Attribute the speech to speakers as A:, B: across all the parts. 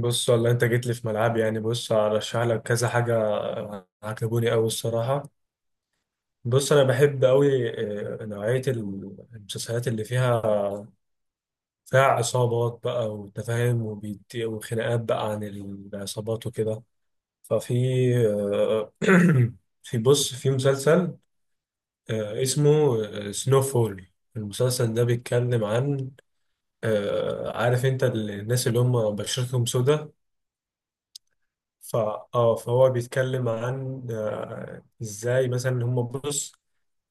A: بص، والله انت جيت لي في ملعب، يعني بص هرشح لك كذا حاجه عجبوني قوي الصراحه. بص انا بحب قوي نوعيه المسلسلات اللي فيها عصابات بقى وتفاهم وخناقات بقى عن العصابات وكده. ففي آه، في مسلسل اسمه سنو فول. المسلسل ده بيتكلم عن عارف انت الناس اللي هم بشرتهم سودة. ف اه فهو بيتكلم عن ازاي مثلا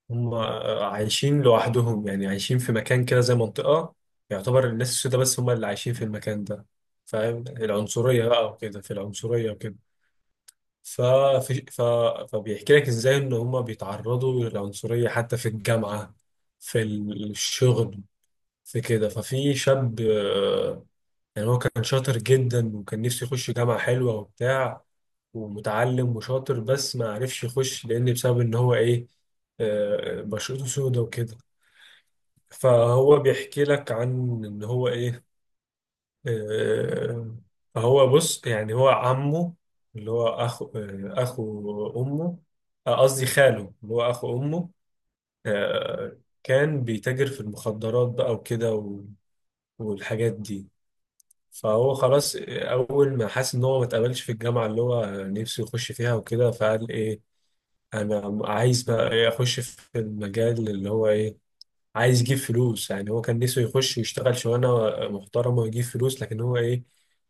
A: هم عايشين لوحدهم، يعني عايشين في مكان كده زي منطقة يعتبر الناس السوداء بس هم اللي عايشين في المكان ده. فاهم العنصرية بقى وكده، في العنصرية وكده. ففي ف... فبيحكي لك ازاي ان هم بيتعرضوا للعنصرية حتى في الجامعة، في الشغل، في كده. ففي شاب يعني هو كان شاطر جدا وكان نفسه يخش جامعة حلوة وبتاع ومتعلم وشاطر، بس ما عرفش يخش لان بسبب ان هو ايه بشرته سودة وكده. فهو بيحكي لك عن ان هو ايه. آه، فهو بص، يعني هو عمه اللي هو اخو اخو امه. قصدي خاله اللي هو اخو امه. كان بيتاجر في المخدرات بقى والحاجات دي. فهو خلاص اول ما حس ان هو ما اتقبلش في الجامعه اللي هو نفسه يخش فيها وكده، فقال ايه انا عايز بقى ايه اخش في المجال اللي هو ايه عايز يجيب فلوس. يعني هو كان نفسه يخش يشتغل شغلانه محترمه ويجيب فلوس، لكن هو ايه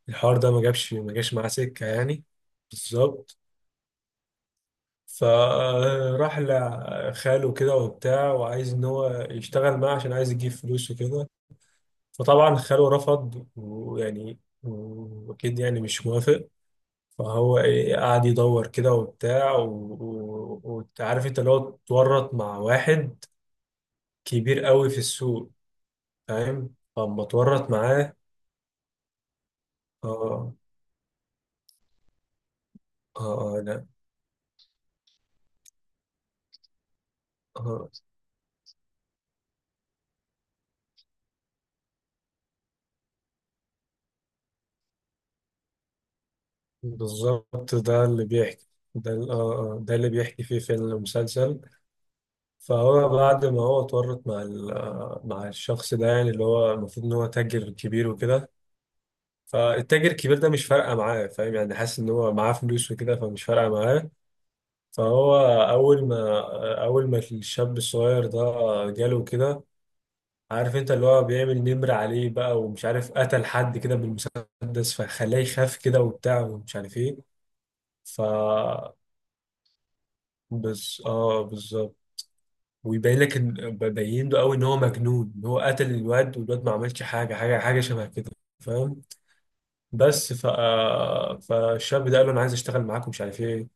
A: الحوار ده ما جاش معاه سكه يعني. بالظبط. فراح لخاله كده وبتاع وعايز ان هو يشتغل معاه عشان عايز يجيب فلوس وكده. فطبعا خاله رفض، ويعني واكيد يعني مش موافق. فهو ايه قعد يدور كده وبتاع وعارف انت اللي هو اتورط مع واحد كبير قوي في السوق. فاهم. فأما اتورط معاه. اه لا. اه بالظبط، ده اللي بيحكي. ده ال- اه اه ده اللي بيحكي فيه فيلم المسلسل. فهو بعد ما هو اتورط مع مع الشخص ده، يعني اللي هو المفروض ان هو تاجر كبير وكده. فالتاجر الكبير ده مش فارقه معاه، فاهم، يعني حاسس ان هو معاه فلوس وكده فمش فارقه معاه. فهو اول ما الشاب الصغير ده جاله كده، عارف انت اللي هو بيعمل نمر عليه بقى، ومش عارف قتل حد كده بالمسدس فخلاه يخاف كده وبتاع ومش عارف ايه. ف بز... اه بالظبط. ويبين لك ان بين له قوي ان هو مجنون، ان هو قتل الواد والواد ما عملش حاجه شبه كده، فاهم. بس ف آه، فالشاب ده قال له انا عايز اشتغل معاك ومش عارف ايه.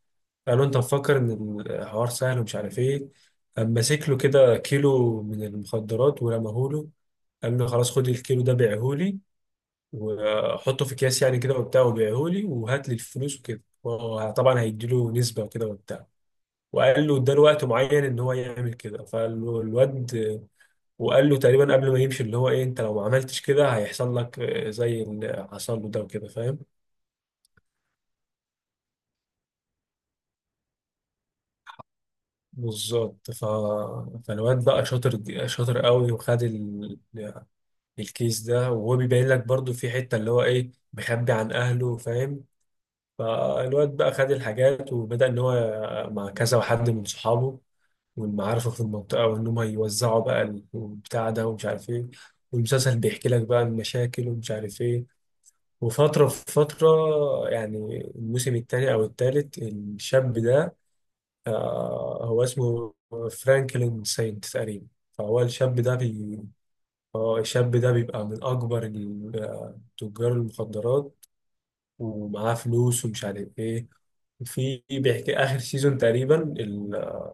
A: قال له انت مفكر ان الحوار سهل ومش عارف ايه. قام ماسك له كده كيلو من المخدرات ورماهوله. قال له خلاص خد الكيلو ده بيعهولي وحطه في اكياس يعني كده وبتاع، وبيعهولي وهات لي الفلوس وكده، وطبعا هيديله نسبه وكده وبتاع. وقال له اداله وقت معين ان هو يعمل كده، فالواد. وقال له تقريبا قبل ما يمشي اللي هو ايه انت لو ما عملتش كده هيحصل لك زي اللي حصل له ده وكده، فاهم. بالظبط. فالواد بقى شاطر، شاطر قوي وخد الكيس ده، وهو بيبين لك برضو في حته اللي هو ايه مخبي عن اهله، فاهم. فالواد بقى خد الحاجات وبدأ إن هو مع كذا حد من صحابه ومن معارفه في المنطقة، وإن هم يوزعوا بقى البتاع ده ومش عارف إيه. والمسلسل بيحكي لك بقى المشاكل ومش عارف إيه. وفترة في فترة يعني الموسم التاني أو التالت الشاب ده هو اسمه فرانكلين ساينت تقريبا. فهو الشاب ده بي... آه، الشاب ده بيبقى من أكبر تجار المخدرات ومعاه فلوس ومش عارف إيه. في بيحكي آخر سيزون تقريبا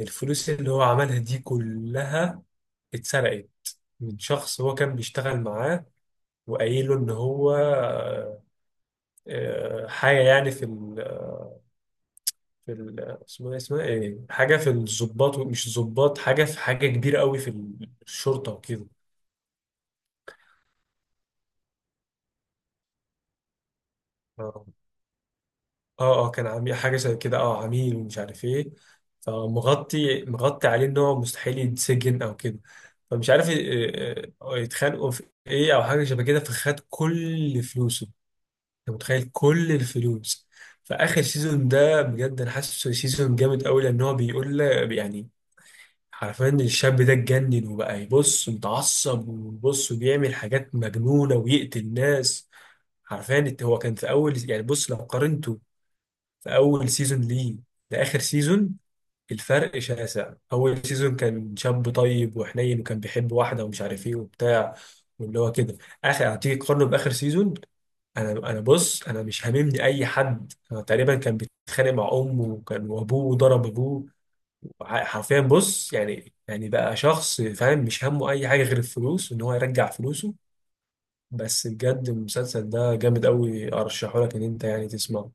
A: الفلوس اللي هو عملها دي كلها اتسرقت من شخص هو كان بيشتغل معاه، وقايله إن هو حاجة يعني في ال اسمه إيه- اسمها إيه، حاجة في الضباط، مش الضباط، حاجة في حاجة كبيرة قوي في الشرطة وكده. اه كان عميل حاجة زي كده، اه عميل ومش عارف ايه. فمغطي مغطي عليه ان هو مستحيل يتسجن او كده. فمش عارف يتخانقوا في ايه او حاجه شبه كده، فخد كل فلوسه. انت متخيل كل الفلوس. فاخر سيزون ده بجد انا حاسه سيزون جامد قوي، لان هو يعني حرفيا الشاب ده اتجنن وبقى يبص متعصب وبص وبيعمل حاجات مجنونه ويقتل ناس. حرفيا هو كان في اول، يعني بص لو قارنته في اول سيزون ليه لاخر سيزون، الفرق شاسع. اول سيزون كان شاب طيب وحنين وكان بيحب واحده ومش عارف ايه وبتاع واللي هو كده. اخر هتيجي تقارنه باخر سيزون. انا بص انا مش هاممني اي حد. أنا تقريبا كان بيتخانق مع امه وكان وابوه وضرب ابوه حرفيا بص يعني يعني بقى شخص فاهم مش همه اي حاجه غير الفلوس وان هو يرجع فلوسه. بس بجد المسلسل ده جامد قوي، ارشحه لك ان انت يعني تسمعه.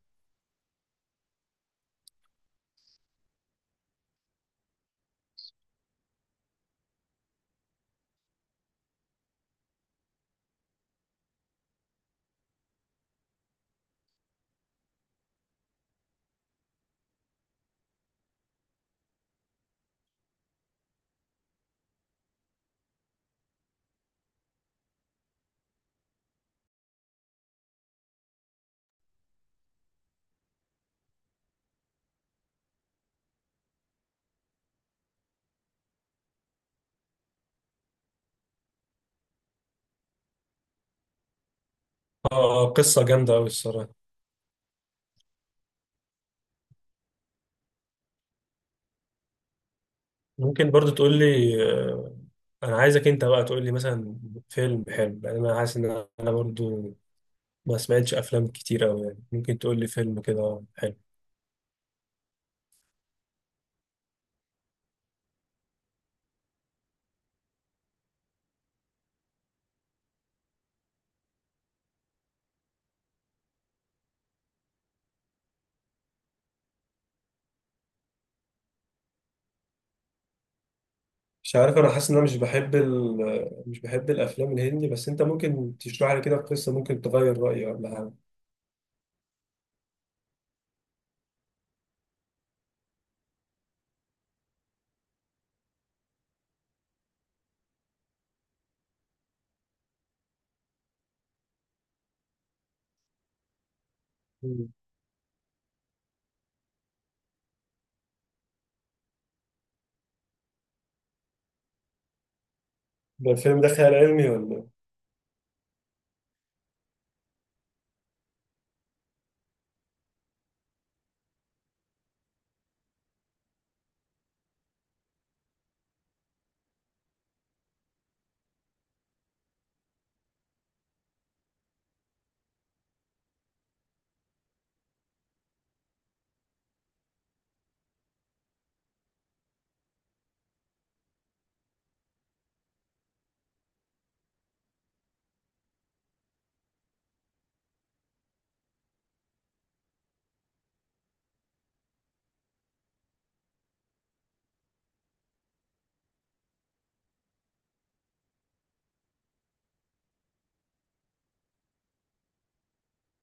A: قصه جامده قوي الصراحه. ممكن برضو تقول لي انا عايزك انت بقى تقول لي مثلا فيلم حلو، لان انا حاسس ان انا برضو ما سمعتش افلام كتير قوي، يعني ممكن تقول لي فيلم كده حلو. مش عارف، انا حاسس ان انا مش بحب الافلام الهندي، بس انت ممكن تشرح لي كده القصه ممكن تغير رايي ولا حاجه. مم. ده الفيلم ده خيال علمي ولا إيه؟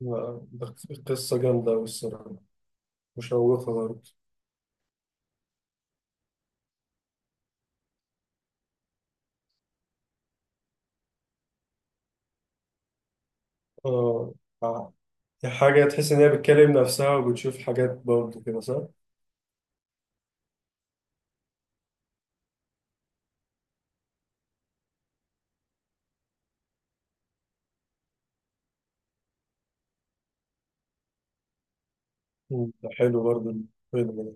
A: لا، ده قصه جامده أوي الصراحه، مشوقه برضه. اه آه. دي حاجه تحس ان هي بتكلم نفسها وبتشوف حاجات برضه كده صح؟ مم. ده حلو برضه الفيلم ده.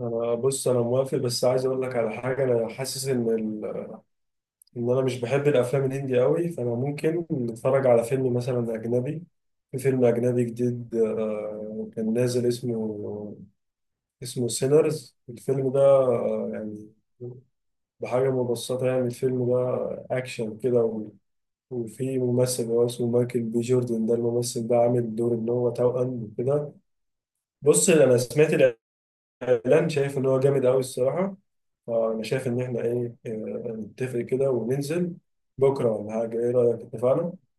A: انا بص انا موافق، بس عايز اقول لك على حاجه. انا حاسس ان ان انا مش بحب الافلام الهندي قوي، فانا ممكن نتفرج على فيلم مثلا اجنبي. في فيلم اجنبي جديد كان نازل اسمه. سينرز الفيلم ده يعني بحاجه مبسطه يعني. الفيلم ده اكشن كده وفي ممثل هو اسمه مايكل بي جوردن. ده الممثل ده عامل دور ان هو توأم وكده. بص انا سمعت لان شايف ان هو جامد قوي الصراحه. فانا شايف ان احنا ايه نتفق كده وننزل بكره ولا حاجه، ايه رايك اتفقنا؟